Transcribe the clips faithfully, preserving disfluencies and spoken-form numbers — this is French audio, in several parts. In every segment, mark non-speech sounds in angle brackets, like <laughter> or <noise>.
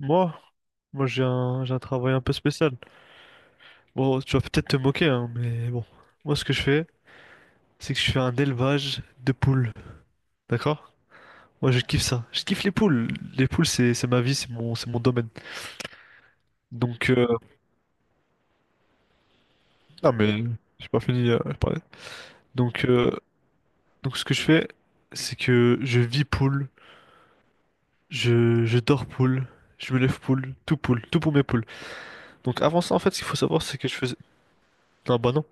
Moi, moi j'ai un, j'ai un travail un peu spécial. Bon, tu vas peut-être te moquer, hein, mais bon. Moi, ce que je fais, c'est que je fais un élevage de poules. D'accord? Moi, je kiffe ça. Je kiffe les poules. Les poules, c'est, c'est ma vie, c'est mon, c'est mon domaine. Donc, euh, non, mais j'ai pas fini euh, de parler. Donc, euh, donc, ce que je fais, c'est que je vis poule, je, je dors poule, je me lève poule, tout poule, tout pour mes poules. Donc, avant ça, en fait, ce qu'il faut savoir, c'est que je faisais. Non, bah non.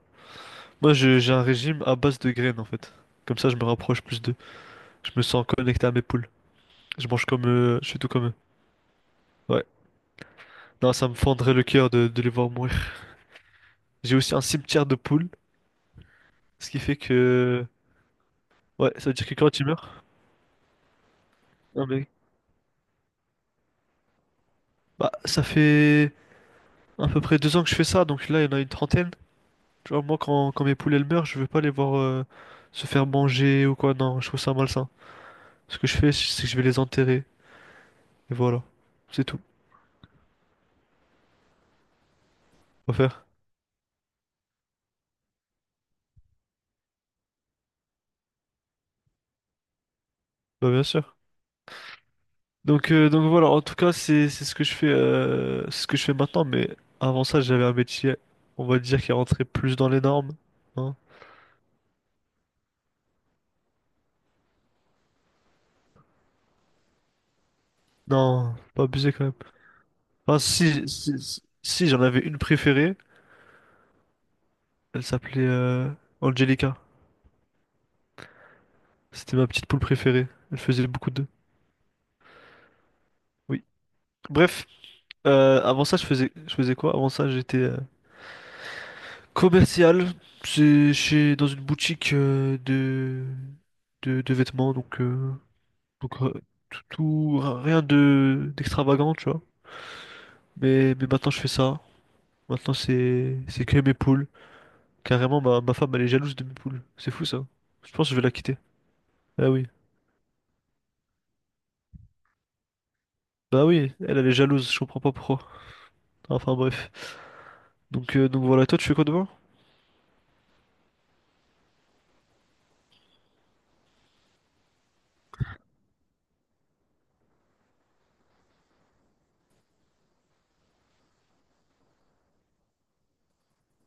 Moi, je- j'ai un régime à base de graines, en fait. Comme ça, je me rapproche plus de… Je me sens connecté à mes poules. Je mange comme eux, je suis tout comme eux. Ouais. Non, ça me fendrait le cœur de, de les voir mourir. <laughs> J'ai aussi un cimetière de poules, ce qui fait que… Ouais, ça veut dire que quand tu meurs… Non mais… Bah, ça fait à peu près deux ans que je fais ça, donc là, il y en a une trentaine. Tu vois, moi, quand, quand mes poules, elles meurent, je veux pas les voir euh, se faire manger ou quoi. Non, je trouve ça malsain. Ce que je fais, c'est que je vais les enterrer. Et voilà. C'est tout. On va faire. Bah, bien sûr. Donc, euh, donc voilà, en tout cas, c'est c'est ce que je fais, euh, c'est ce que je fais maintenant. Mais avant ça, j'avais un métier, on va dire, qui rentrait plus dans les normes, hein. Non, faut pas abusé quand même. Enfin, si, si, si- si, j'en avais une préférée, elle s'appelait euh, Angelica. C'était ma petite poule préférée. Elle faisait beaucoup d'œufs. Oui. Bref, euh, avant ça, je faisais, je faisais quoi? Avant ça, j'étais euh, commercial. C'est chez dans une boutique euh, de, de de vêtements, donc. euh, Donc euh, tout, tout- rien de d'extravagant, tu vois. Mais, mais maintenant je fais ça. Maintenant c'est c'est que mes poules. Carrément ma, ma femme elle est jalouse de mes poules. C'est fou ça. Je pense que je vais la quitter. Ah oui. Bah oui, elle elle est jalouse, je comprends pas pourquoi. Enfin bref. Donc euh, donc voilà, toi tu fais quoi demain?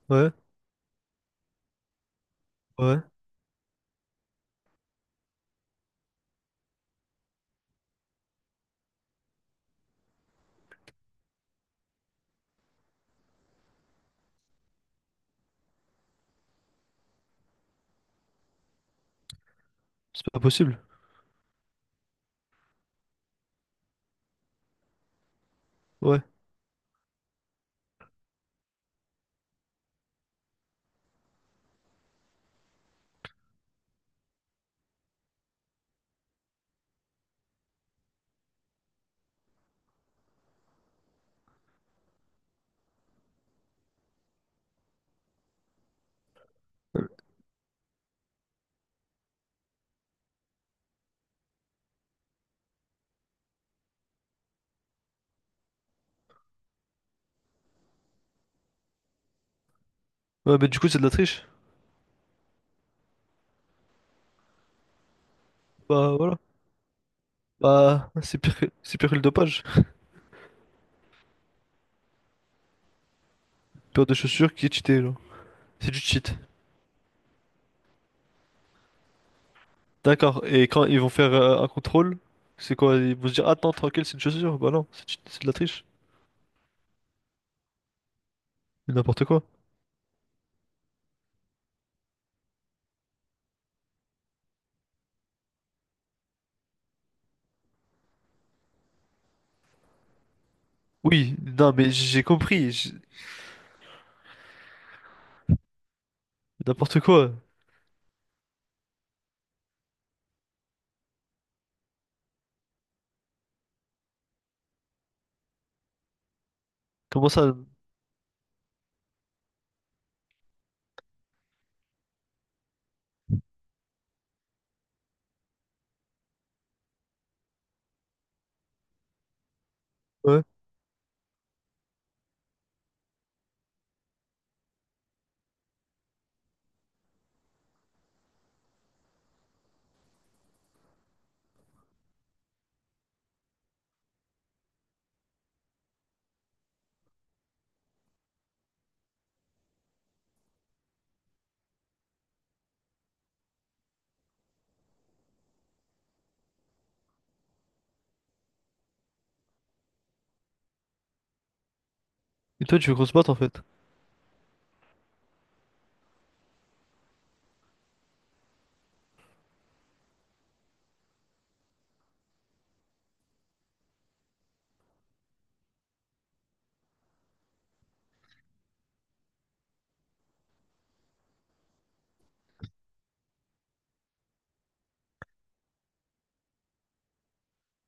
Ouais, ouais. C'est pas possible. Ouais. Ouais mais du coup c'est de la triche. Bah voilà. Bah c'est pire que c'est pire que le dopage. Paire de chaussures qui est cheatée genre. C'est du cheat. D'accord. Et quand ils vont faire euh, un contrôle, c'est quoi? Ils vont se dire, attends, tranquille, c'est une chaussure. Bah non, c'est c'est de la triche. Mais n'importe quoi. Oui, non, mais j'ai compris. j'- N'importe quoi. Comment ça? Ouais. Et toi, tu veux qu'on se batte en fait?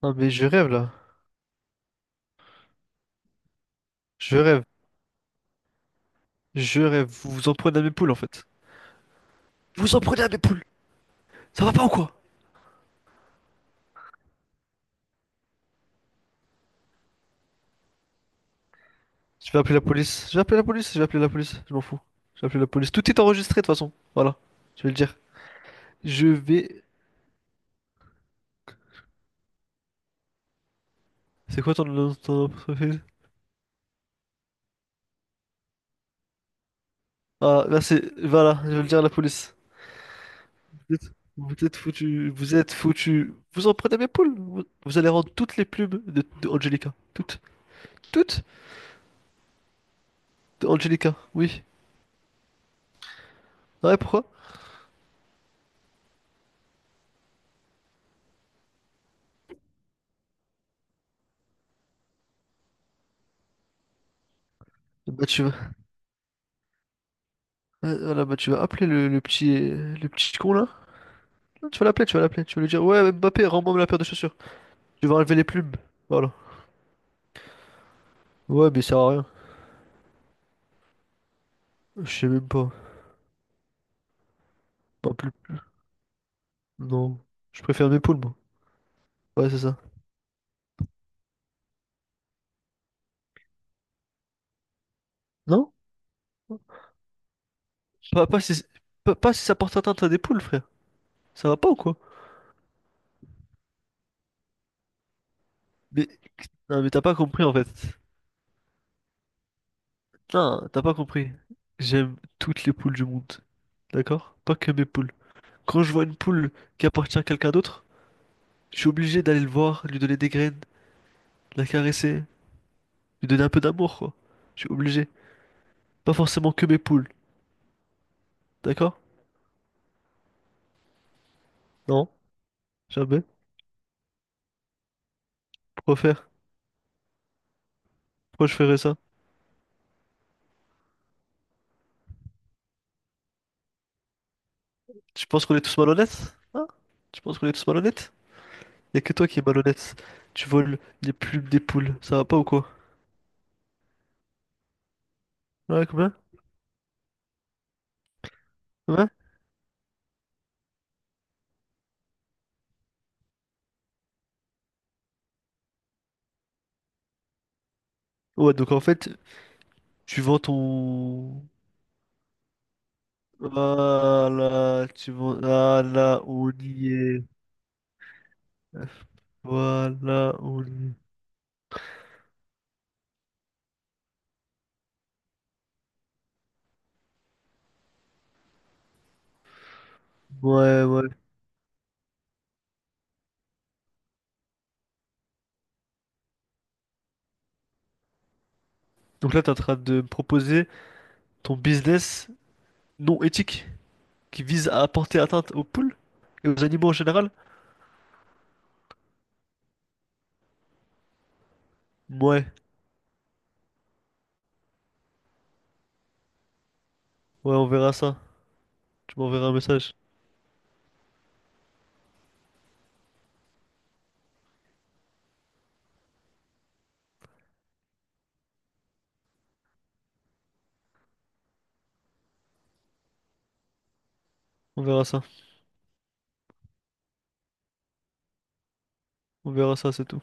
Non, mais je rêve là. Je rêve. Je rêve. Vous vous en prenez à mes poules en fait. Vous vous en prenez à mes poules. Ça va pas ou quoi? Je vais appeler la police. Je vais appeler la police. Je vais appeler la police. Je m'en fous. Je vais appeler la police. Tout est enregistré de toute façon. Voilà. Je vais le dire. Je vais. C'est quoi ton, ton… ton- ton- Ah, là c'est. Voilà. Je vais le dire à la police. Vous êtes, vous êtes foutu, vous êtes foutu. Vous en prenez mes poules. Vous, vous allez rendre toutes les plumes de, de Angelica. Toutes. Toutes de Angelica, oui. Ah ouais, pourquoi? Bah tu vas, ouais, voilà, bah, tu vas appeler le, le petit, le petit con là. Tu vas l'appeler, tu vas l'appeler. Tu vas lui dire, ouais, Mbappé, rends-moi la paire de chaussures. Tu vas enlever les plumes. Voilà. Ouais, mais ça sert à rien. Je sais même pas. Pas plus. Non. Je préfère mes poules, moi. Ouais, c'est ça. Non? Pas, pas si, pas, pas si ça porte atteinte à des poules, frère. Ça va pas ou quoi? Mais, non, mais t'as pas compris en fait. Non, t'as pas compris. J'aime toutes les poules du monde. D'accord? Pas que mes poules. Quand je vois une poule qui appartient à quelqu'un d'autre, je suis obligé d'aller le voir, lui donner des graines, la caresser, lui donner un peu d'amour, quoi. Je suis obligé. Pas forcément que mes poules. D'accord? Non, jamais. Pourquoi faire? Pourquoi je ferais ça? Tu penses qu'on est tous malhonnêtes? Hein? Tu penses qu'on est tous malhonnêtes? Y'a que toi qui es malhonnête. Tu voles les plumes des poules. Ça va pas ou quoi? Ouais, combien? Ouais? Ouais, donc en fait, tu vends ton… Voilà, tu vois, voilà, on y est. Voilà, on y est. Ouais, ouais. Donc là, t'es en train de me proposer ton business non éthique qui vise à apporter atteinte aux poules et aux animaux en général? Ouais, ouais, on verra ça. Tu m'enverras un message. On verra ça. On verra ça, c'est tout.